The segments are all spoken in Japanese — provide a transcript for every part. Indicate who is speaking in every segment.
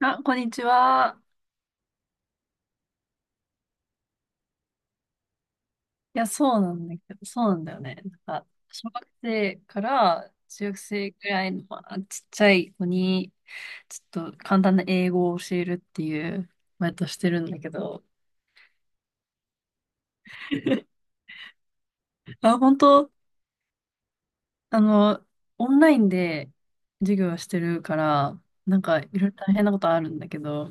Speaker 1: あ、こんにちは。いや、そうなんだけど、そうなんだよね。なんか、小学生から中学生くらいの、まあ、ちっちゃい子に、ちょっと簡単な英語を教えるっていう、バイトしてるんだけど、あ、本当、あの、オンラインで授業をしてるから、なんかいろいろ大変なことあるんだけど、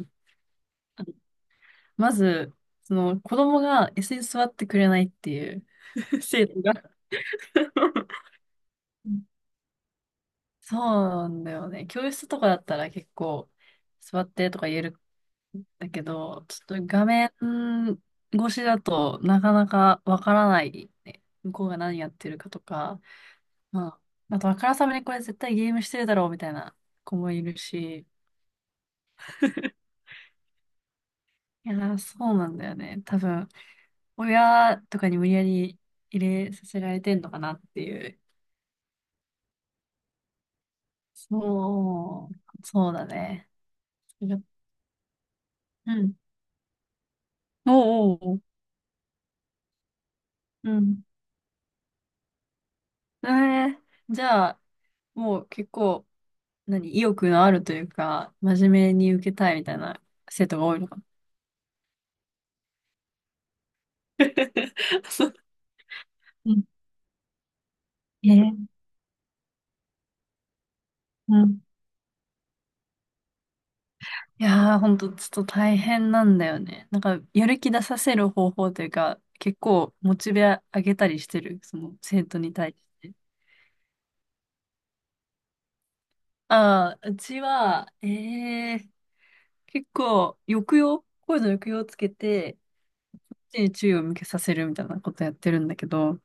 Speaker 1: まず、その子供が椅子に座ってくれないっていう 生徒が。そうなんだよね。教室とかだったら結構座ってとか言えるんだけど、ちょっと画面越しだとなかなかわからないね。向こうが何やってるかとか、まあ、あとあからさまにこれ絶対ゲームしてるだろうみたいな子もいるし、いやー、そうなんだよね。多分、親とかに無理やり入れさせられてんのかなっていう。そう、そうだね。それが。うん。おうおうおう。うん。えー、じゃあ、もう結構、何、意欲のあるというか、真面目に受けたいみたいな生徒が多いのかな。そう。うん。えーうん。いやー、ほんと、ちょっと大変なんだよね。なんか、やる気出させる方法というか、結構、モチベ上げたりしてる、その、生徒に対して。ああ、うちは、え結構、抑揚、声の抑揚をつけて、一日に注意を向けさせるみたいなことやってるんだけど、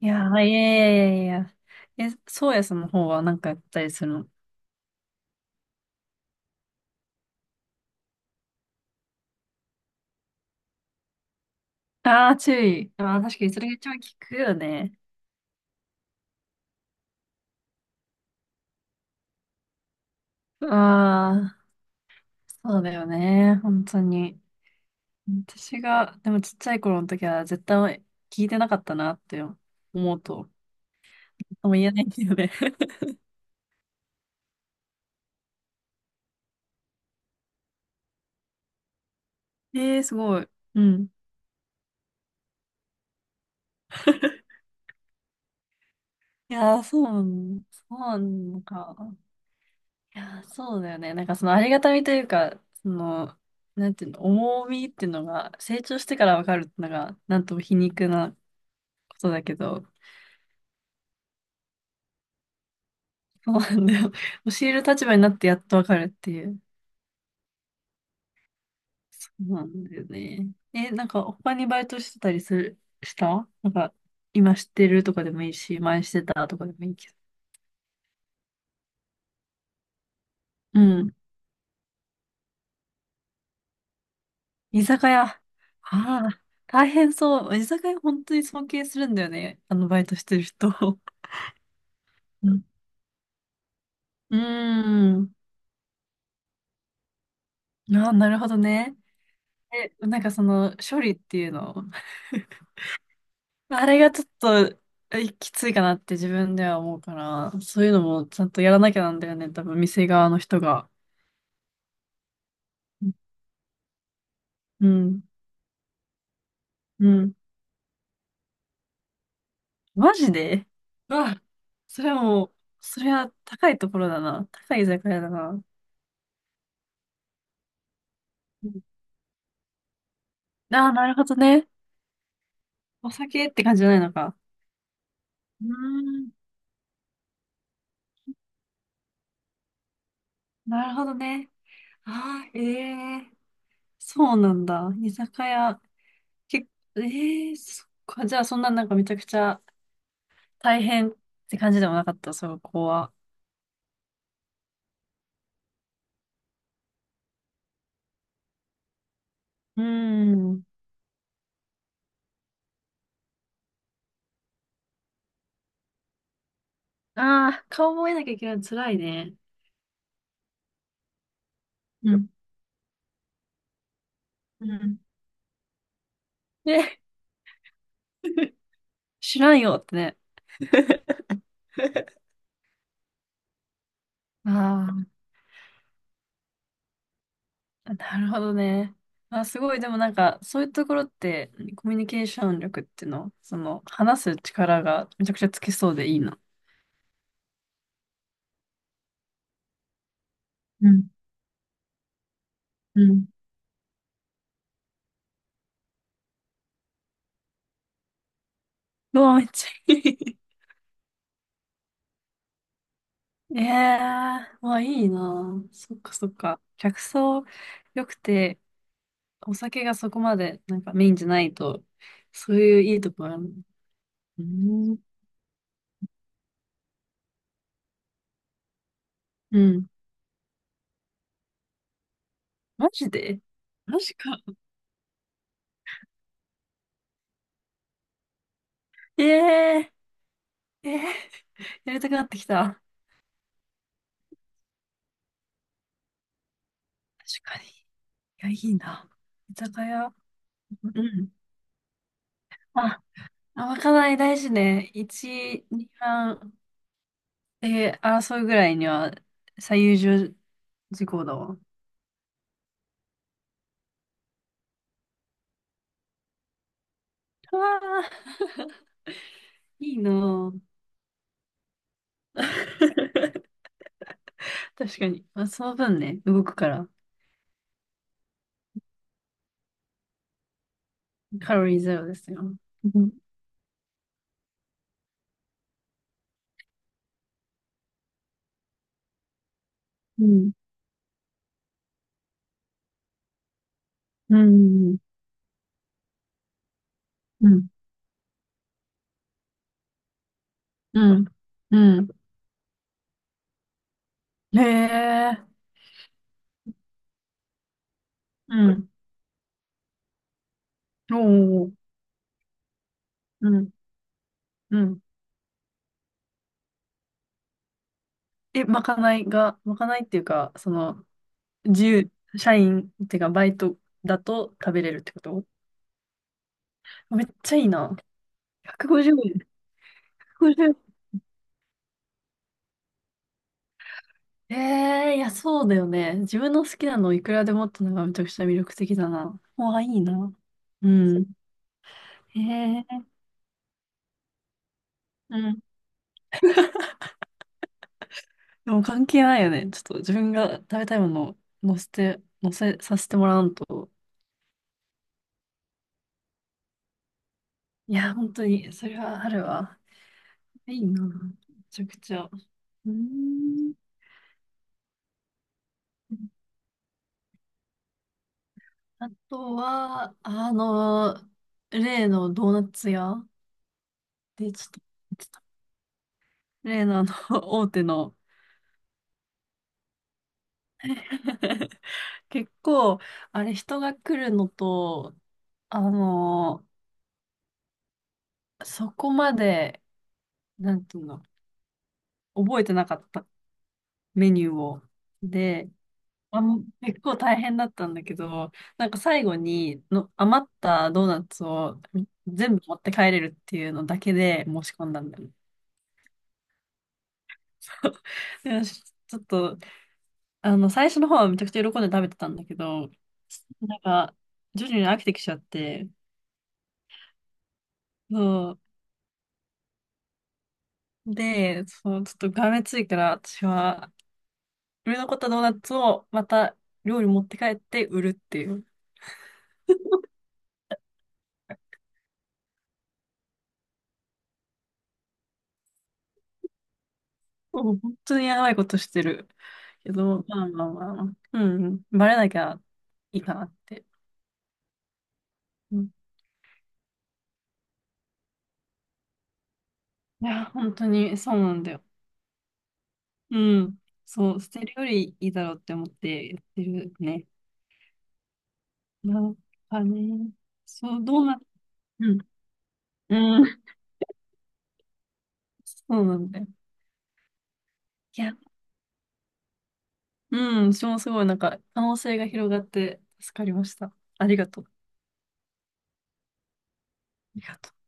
Speaker 1: いやー、いやいやいやいや。そうやさんの方はなんかやったりするの？ああー、注意。ああ、確かにそれが一番効くよね。ああ、そうだよね。本当に。私が、でもちっちゃい頃の時は絶対聞いてなかったなって思うと、もう言えないんだよね。ええー、すごい。うん。いやー、そうなん、そうなのか。いやー、そうだよね。なんかそのありがたみというか、その、なんていうの、重みっていうのが、成長してからわかるっていうのが、なんとも皮肉なことだけど、そうなんだよ。教える立場になってやっとわかるっていう。そうなんだよね。なんか他にバイトしてたりする、したなんか、今知ってるとかでもいいし、前してたとかでもいいけど。うん。居酒屋。ああ、大変そう。居酒屋本当に尊敬するんだよね。あのバイトしてる人。うん。うーん。ああ、なるほどね。なんかその処理っていうの、あれがちょっときついかなって自分では思うから、そういうのもちゃんとやらなきゃなんだよね、多分店側の人が。うん、うん。マジで。うわ、それはもう、それは高いところだな。高い居酒屋だな。うん。ああ、なるほどね。お酒って感じじゃないのか。うーん、なるほどね。ああ、えそうなんだ。居酒屋。け、そっか。じゃあ、そんななんかめちゃくちゃ大変って感じでもなかった、そこは。うーん。ああ、顔覚えなきゃいけないの辛いね。うん。うん。ね、知らんよってね。ああ、なるほどね。あ、すごい。でもなんか、そういうところって、コミュニケーション力っていうの、その、話す力がめちゃくちゃつきそうでいいな。うん。うん。うわ、めっちゃいい。ええまあいいな。そっかそっか。客層良くて、お酒がそこまでなんかメインじゃないと、そういういいとこあるの。うん。うん。マジで。マジか。ええええやりたくなってきた。確かに。いや、いいな。居酒屋。うん。あ、あ、まかない大事ね。1、2番で争うぐらいには最優秀事項だわ。うわあ、いいな。 確かに。まあ、その分ね、動くから、カロリーゼロですよ。うん。うん。うん。うん。うん。うん。へえ。うん。おお。うん。うん。まかないが、まかないっていうか、その、自由、社員っていうか、バイトだと食べれるってこと。めっちゃいいな。150円。150えん。いや、そうだよね。自分の好きなのをいくらでもってのがめちゃくちゃ魅力的だな。わあ、いいな。うん。へえ。うん。でも関係ないよね。ちょっと自分が食べたいものを載せさせてもらわんと。いや、本当に、それはあるわ。いいな。めちゃくちゃ。うん。あとは、例のドーナツ屋で、ちょっと例の大手の。 結構、あれ、人が来るのと、あの、そこまで、なんていうの、覚えてなかったメニューを。で、結構大変だったんだけど、なんか最後にの余ったドーナツを全部持って帰れるっていうのだけで申し込んだんだよね。でちょっと、最初の方はめちゃくちゃ喜んで食べてたんだけど、なんか、徐々に飽きてきちゃって、そう。で、そう、ちょっとがめついから、私は、売れ残ったドーナツをまた料理持って帰って売るっていう。もう本当にやばいことしてる。けど、まあまあまあまあ、うん、バレなきゃいいかなって。うん、いや、本当にそうなんだよ。うん、そう、捨てるよりいいだろうって思ってやってるね。なんかね、そう、どうな、うん、うん、そうなんだよ。いや、うん、私もすごいなんか可能性が広がって助かりました。ありがとう。ありがとう。